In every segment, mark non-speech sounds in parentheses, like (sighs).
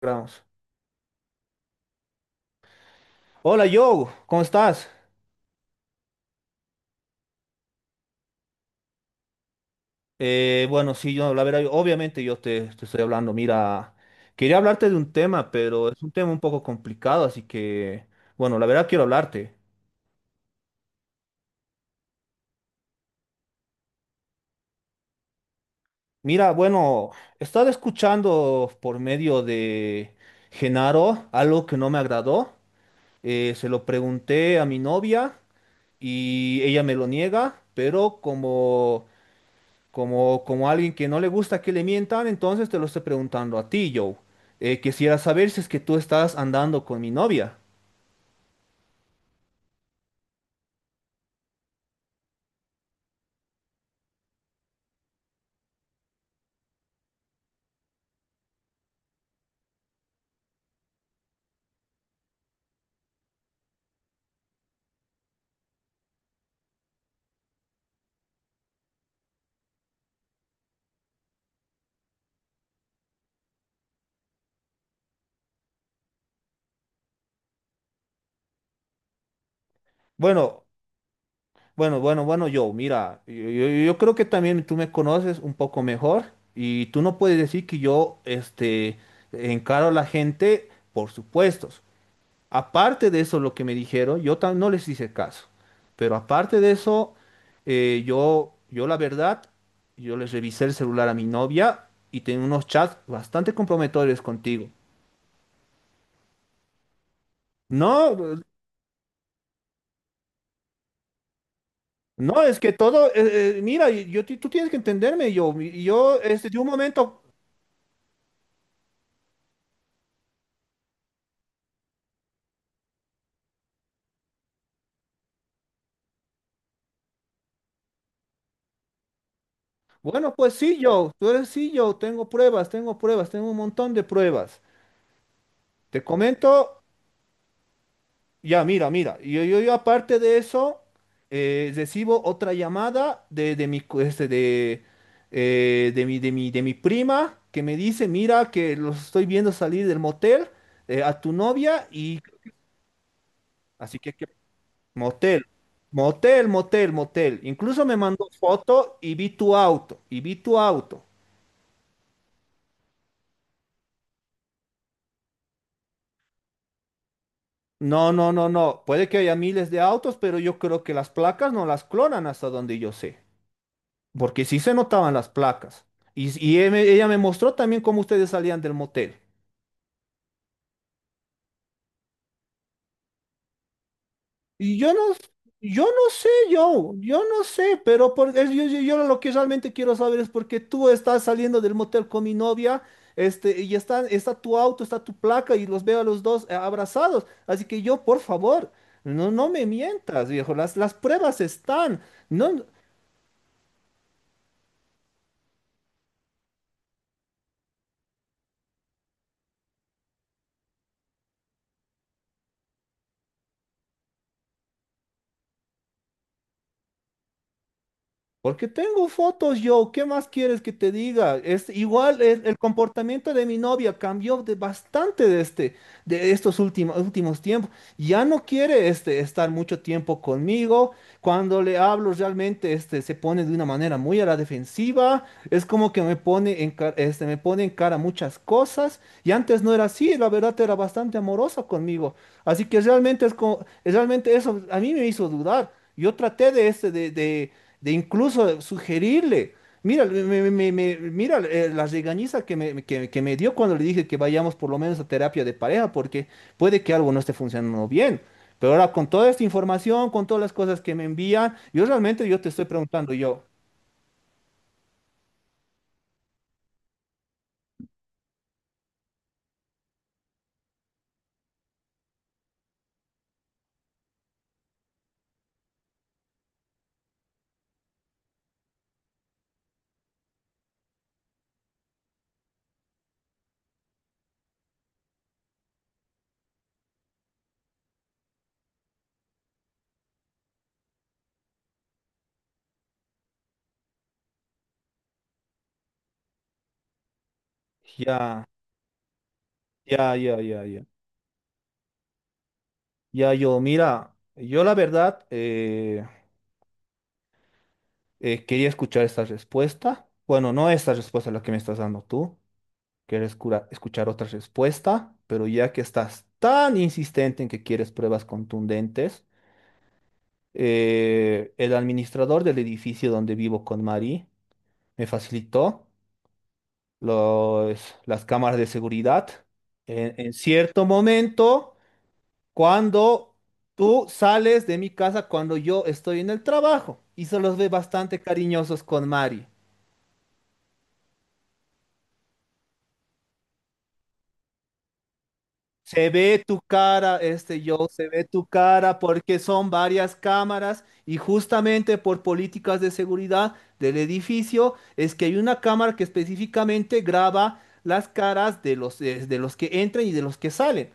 Gramos. Hola, yo, ¿cómo estás? Bueno, sí, la verdad, obviamente yo te estoy hablando. Mira, quería hablarte de un tema, pero es un tema un poco complicado, así que, bueno, la verdad quiero hablarte. Mira, bueno, he estado escuchando por medio de Genaro algo que no me agradó. Se lo pregunté a mi novia y ella me lo niega, Como, como alguien que no le gusta que le mientan, entonces te lo estoy preguntando a ti, Joe. Quisiera saber si es que tú estás andando con mi novia. Bueno, bueno, bueno, bueno, Joe, mira, yo creo que también tú me conoces un poco mejor y tú no puedes decir que yo encaro a la gente por supuestos. Aparte de eso, lo que me dijeron, yo no les hice caso. Pero aparte de eso, yo la verdad, yo les revisé el celular a mi novia y tenía unos chats bastante comprometedores contigo. No, no, es que todo, mira, tú tienes que entenderme, yo, y yo, este, de un momento, bueno, pues sí, tú eres, tengo pruebas, tengo pruebas, tengo un montón de pruebas. Te comento. Ya, mira, mira, yo aparte de eso, recibo otra llamada de mi, de mi, de mi prima, que me dice, mira, que los estoy viendo salir del motel a tu novia, y así motel, motel. Incluso me mandó foto y vi tu auto, y vi tu auto. No, no, no, no. Puede que haya miles de autos, pero yo creo que las placas no las clonan hasta donde yo sé, porque sí se notaban las placas. Y, ella me mostró también cómo ustedes salían del motel. Y yo no, yo no sé, yo no sé, pero yo lo que realmente quiero saber es por qué tú estás saliendo del motel con mi novia, y está tu auto, está tu placa, y los veo a los dos abrazados. Así que yo, por favor, no, no me mientas, viejo, las pruebas están. No, porque tengo fotos yo, ¿qué más quieres que te diga? Es igual, el comportamiento de mi novia cambió de bastante de este de estos últimos tiempos. Ya no quiere, estar mucho tiempo conmigo. Cuando le hablo realmente, se pone de una manera muy a la defensiva. Es como que me pone en, me pone en cara muchas cosas. Y antes no era así, la verdad era bastante amorosa conmigo. Así que realmente, es como, realmente eso a mí me hizo dudar. Yo traté de, este, de incluso sugerirle. Mira, mira, la regañiza que me, que me dio cuando le dije que vayamos por lo menos a terapia de pareja, porque puede que algo no esté funcionando bien. Pero ahora con toda esta información, con todas las cosas que me envían, yo realmente yo te estoy preguntando, yo, ya, ya, ya, ya, ya, ya, yo, mira, yo la verdad, quería escuchar esta respuesta. Bueno, no esta respuesta la que me estás dando tú. Quieres escuchar otra respuesta, pero ya que estás tan insistente en que quieres pruebas contundentes, el administrador del edificio donde vivo con Mari me facilitó las cámaras de seguridad en cierto momento, cuando tú sales de mi casa, cuando yo estoy en el trabajo, y se los ve bastante cariñosos con Mari. Se ve tu cara, se ve tu cara porque son varias cámaras, y justamente por políticas de seguridad del edificio es que hay una cámara que específicamente graba las caras de los que entran y de los que salen.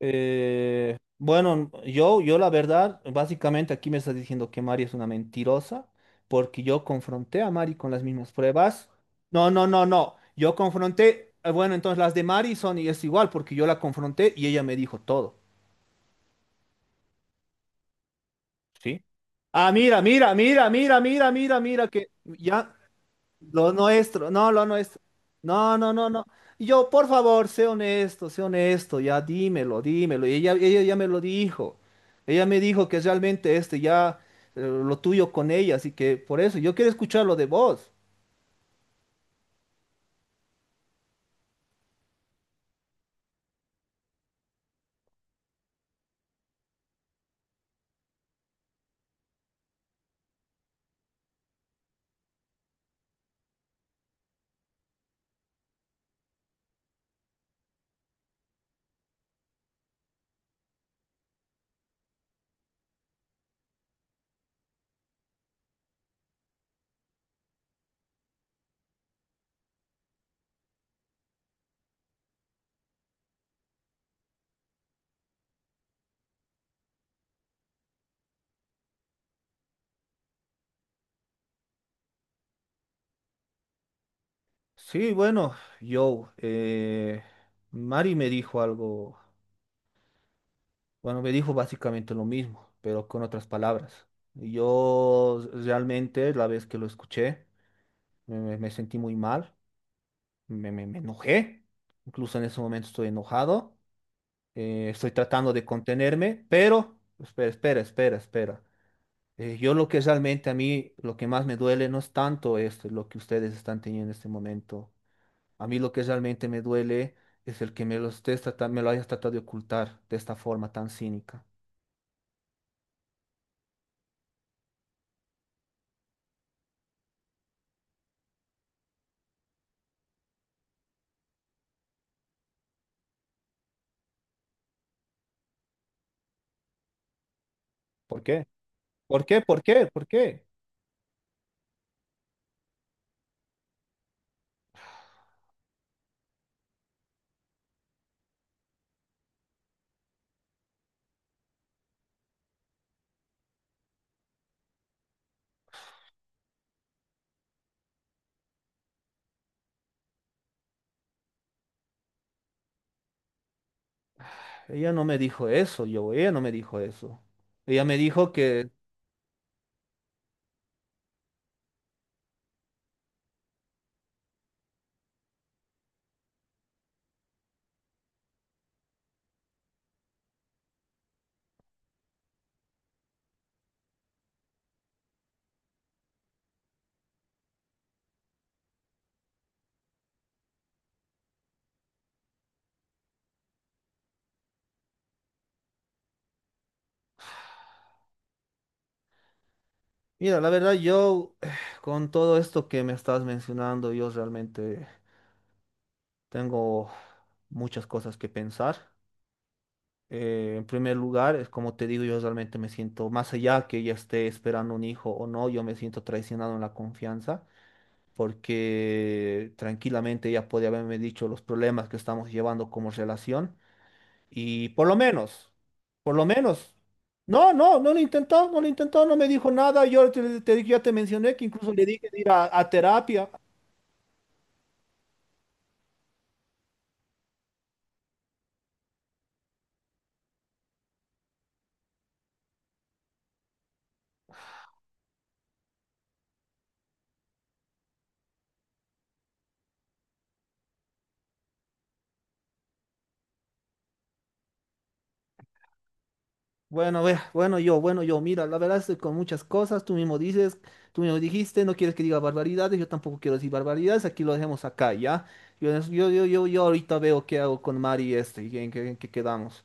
Bueno, yo la verdad, básicamente aquí me estás diciendo que Mari es una mentirosa, porque yo confronté a Mari con las mismas pruebas. No, no, no, no. Yo confronté, bueno, entonces las de Mari son y es igual, porque yo la confronté y ella me dijo todo, ¿sí? Ah, mira, mira, mira, mira, mira, mira, mira, que ya, lo nuestro, no, lo nuestro. No, no, no, no. Y yo, por favor, sé honesto, ya dímelo, dímelo. Y ella ya me lo dijo. Ella me dijo que realmente ya, lo tuyo con ella, así que por eso yo quiero escucharlo de vos. Sí, bueno, yo, eh, Mari me dijo algo, bueno, me dijo básicamente lo mismo, pero con otras palabras. Yo realmente la vez que lo escuché me sentí muy mal. Me enojé, incluso en ese momento estoy enojado, estoy tratando de contenerme, pero espera, espera, espera, espera. Yo lo que realmente a mí, lo que más me duele no es tanto esto, lo que ustedes están teniendo en este momento. A mí lo que realmente me duele es el que me lo hayas tratado de ocultar de esta forma tan cínica. ¿Por qué? ¿Por qué? ¿Por qué? ¿Por qué? Ella no me dijo eso, yo, ella no me dijo eso. Ella me dijo que mira, la verdad yo (sighs) con todo esto que me estás mencionando, yo realmente tengo muchas cosas que pensar. En primer lugar, es como te digo, yo realmente me siento, más allá que ya esté esperando un hijo o no, yo me siento traicionado en la confianza, porque tranquilamente ella podría haberme dicho los problemas que estamos llevando como relación. Y por lo menos, por lo menos. No, no, no lo intentó, no lo intentó, no me dijo nada. Yo ya te mencioné que incluso le dije de ir a terapia. Bueno, ve, bueno, mira, la verdad estoy con muchas cosas, tú mismo dices, tú mismo dijiste, no quieres que diga barbaridades, yo tampoco quiero decir barbaridades, aquí lo dejemos acá, ¿ya? Yo ahorita veo qué hago con Mari, y en qué, en qué quedamos.